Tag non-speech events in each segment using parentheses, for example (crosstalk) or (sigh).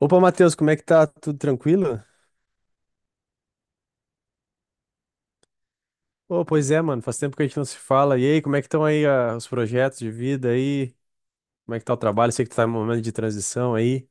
Opa, Matheus, como é que tá? Tudo tranquilo? Pô, pois é, mano, faz tempo que a gente não se fala. E aí, como é que estão aí os projetos de vida aí? Como é que tá o trabalho? Sei que tu tá em um momento de transição aí.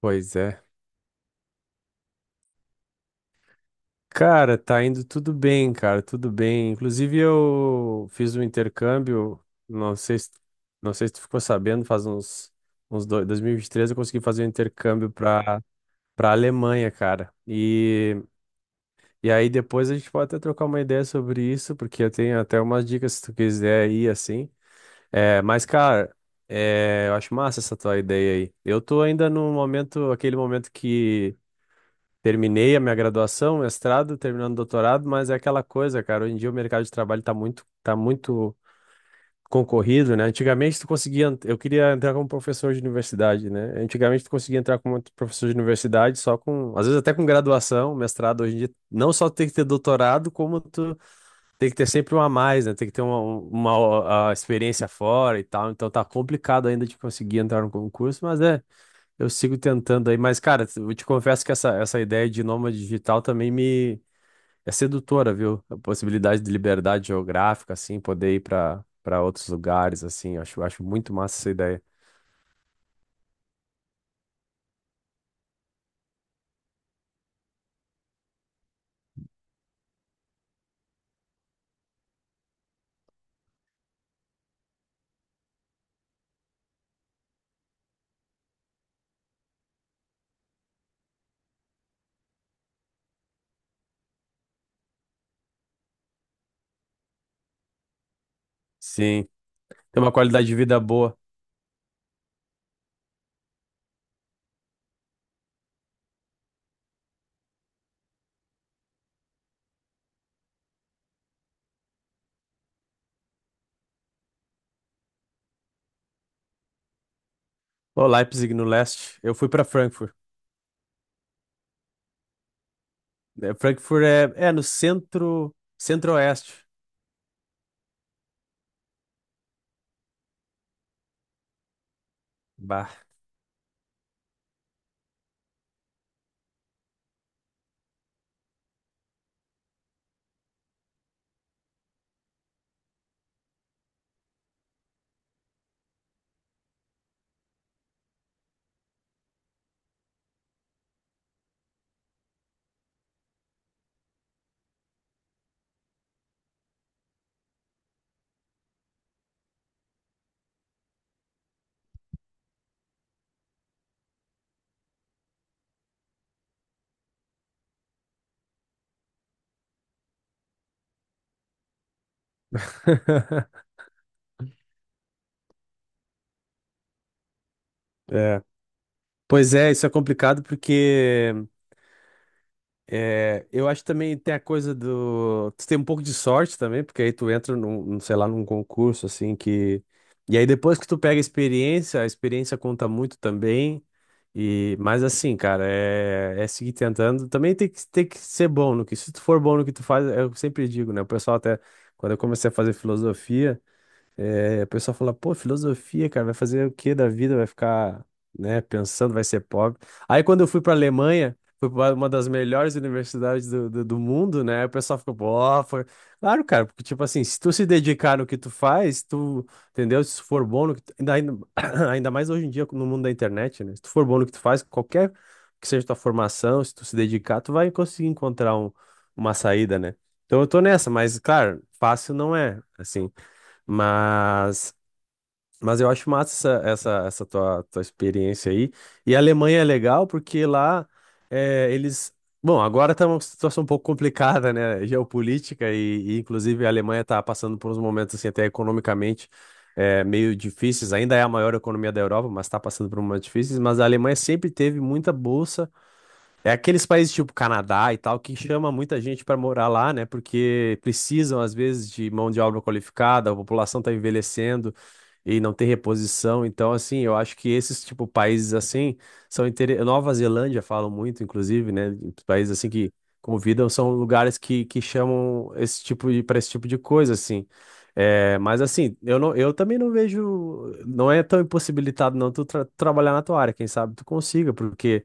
Pois é. Cara, tá indo tudo bem, cara, tudo bem. Inclusive, eu fiz um intercâmbio, não sei se, não sei se tu ficou sabendo, uns 2, 2023 eu consegui fazer um intercâmbio pra Alemanha, cara. E aí depois a gente pode até trocar uma ideia sobre isso, porque eu tenho até umas dicas se tu quiser ir assim. Mas, cara, eu acho massa essa tua ideia aí. Eu tô ainda no momento, aquele momento que terminei a minha graduação, mestrado, terminando o doutorado, mas é aquela coisa, cara, hoje em dia o mercado de trabalho tá muito, tá muito concorrido, né? Antigamente tu conseguia, eu queria entrar como professor de universidade, né? Antigamente tu conseguia entrar como professor de universidade só com, às vezes até com graduação, mestrado, hoje em dia não só tem que ter doutorado, como tu tem que ter sempre um a mais, né? Tem que ter a experiência fora e tal, então tá complicado ainda de conseguir entrar no concurso, mas é, eu sigo tentando aí, mas cara, eu te confesso que essa ideia de nômade digital também é sedutora, viu? A possibilidade de liberdade geográfica, assim, poder ir para outros lugares, assim. Acho muito massa essa ideia. Sim, tem uma qualidade de vida boa. Ô, Leipzig no leste. Eu fui para Frankfurt. Frankfurt é no centro, centro-oeste. Bah. É. Pois é, isso é complicado porque é, eu acho que também tem a coisa do. Tu tem um pouco de sorte também, porque aí tu entra sei lá, num concurso assim que. E aí depois que tu pega a experiência conta muito também. E mas assim, cara, é seguir tentando. Também tem que ser bom no que. Se tu for bom no que tu faz, eu sempre digo, né? O pessoal até. Quando eu comecei a fazer filosofia. É, o pessoal fala, pô, filosofia, cara, vai fazer o que da vida? Vai ficar, né, pensando, vai ser pobre. Aí quando eu fui pra Alemanha, foi pra uma das melhores universidades do mundo, né? O pessoal ficou, pô, foi. Claro, cara, porque, tipo assim, se tu se dedicar no que tu faz, tu, entendeu? Se tu for bom no que tu ainda, (clears throat) ainda mais hoje em dia no mundo da internet, né? Se tu for bom no que tu faz, qualquer que seja tua formação, se tu se dedicar, tu vai conseguir encontrar uma saída, né? Então eu tô nessa, mas, claro, fácil não é, assim. Mas, mas eu acho massa essa tua experiência aí. E a Alemanha é legal porque lá eles. Bom, agora tá uma situação um pouco complicada, né? Geopolítica, inclusive a Alemanha está passando por uns momentos assim, até economicamente meio difíceis. Ainda é a maior economia da Europa, mas está passando por momentos difíceis. Mas a Alemanha sempre teve muita bolsa é aqueles países tipo Canadá e tal que chama muita gente para morar lá, né? Porque precisam às vezes de mão de obra qualificada, a população tá envelhecendo e não tem reposição. Então, assim, eu acho que esses tipo países assim são inter Nova Zelândia falam muito, inclusive, né? Países assim que convidam são lugares que chamam esse tipo de para esse tipo de coisa, assim. É, mas assim, eu não, eu também não vejo, não é tão impossibilitado não tu trabalhar na tua área. Quem sabe tu consiga, porque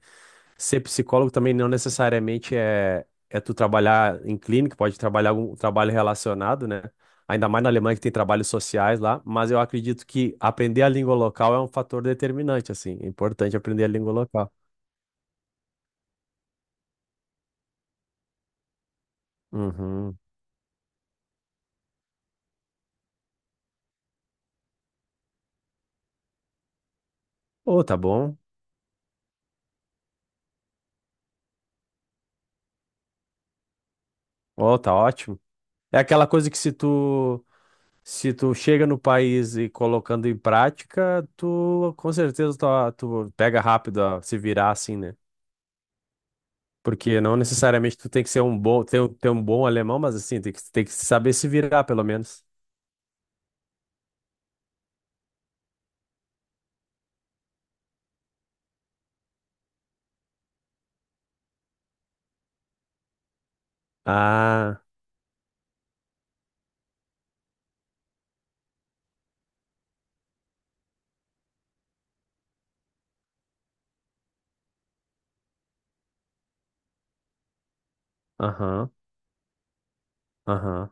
ser psicólogo também não necessariamente é tu trabalhar em clínica, pode trabalhar algum trabalho relacionado, né? Ainda mais na Alemanha que tem trabalhos sociais lá, mas eu acredito que aprender a língua local é um fator determinante, assim, é importante aprender a língua local. Uhum. Oh, tá bom. Oh, tá ótimo. É aquela coisa que se tu chega no país e colocando em prática, tu com certeza tu, tu pega rápido a se virar assim, né? Porque não necessariamente tu tem que ser um bom, ter, ter um bom alemão, mas assim, tem que saber se virar, pelo menos. Ah, aham, aham.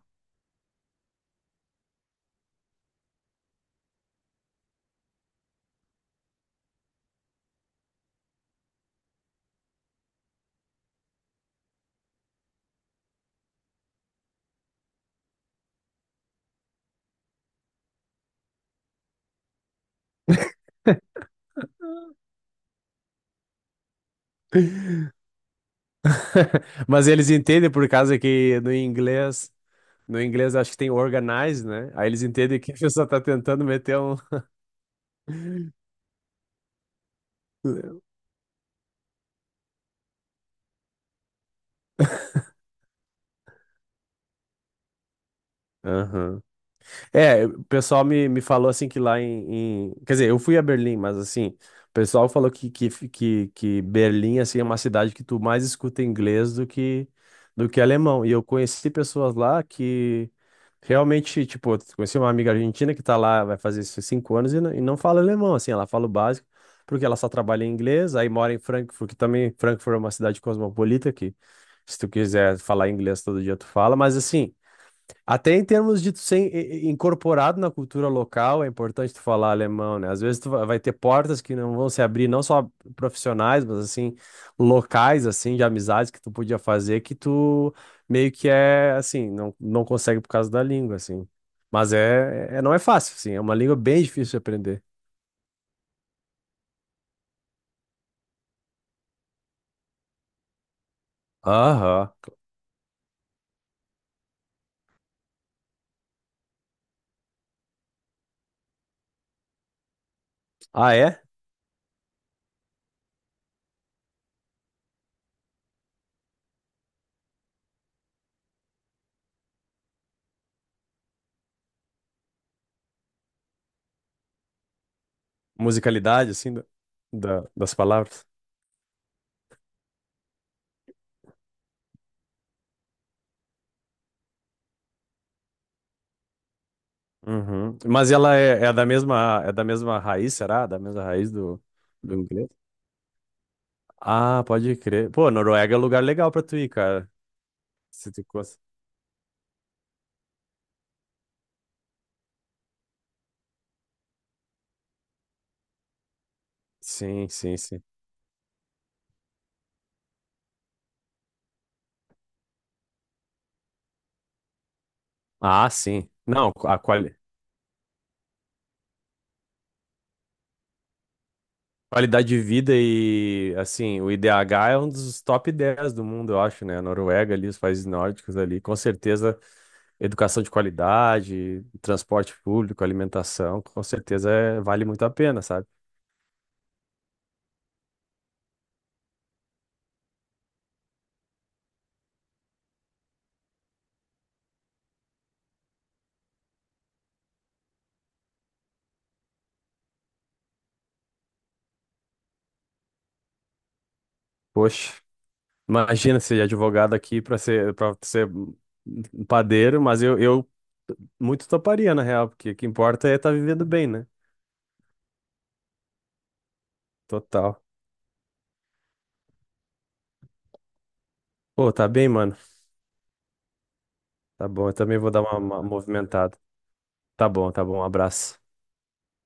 (laughs) Mas eles entendem por causa que no inglês acho que tem organize, né? Aí eles entendem que a pessoa tá tentando meter um. (laughs) Aham. É, o pessoal me falou assim que lá quer dizer, eu fui a Berlim, mas assim, o pessoal falou que Berlim assim, é uma cidade que tu mais escuta inglês do que alemão. E eu conheci pessoas lá que realmente, tipo, eu conheci uma amiga argentina que tá lá, vai fazer esses 5 anos e e não fala alemão, assim, ela fala o básico, porque ela só trabalha em inglês, aí mora em Frankfurt, que também Frankfurt é uma cidade cosmopolita, que se tu quiser falar inglês todo dia, tu fala, mas assim. Até em termos de tu ser incorporado na cultura local, é importante tu falar alemão, né? Às vezes tu vai ter portas que não vão se abrir, não só profissionais, mas assim, locais, assim, de amizades que tu podia fazer, que tu meio que é, assim, não consegue por causa da língua, assim. Mas não é fácil, assim, é uma língua bem difícil de aprender. Aham. Ah, é? Musicalidade, assim, das palavras. Uhum. Mas ela é da mesma, é da mesma raiz, será? Da mesma raiz do do inglês? Ah, pode crer. Pô, Noruega é um lugar legal pra tu ir, cara. Se tu gosta. Sim, sim, sim. Ah, sim. Não, a qualidade de vida e, assim, o IDH é um dos top 10 do mundo, eu acho, né? A Noruega ali, os países nórdicos ali, com certeza, educação de qualidade, transporte público, alimentação, com certeza é vale muito a pena, sabe? Poxa. Imagina ser advogado aqui para ser padeiro, mas eu muito toparia, na real, porque o que importa é estar vivendo bem, né? Total. Pô, tá bem, mano. Tá bom, eu também vou dar uma movimentada. Tá bom, tá bom. Um abraço.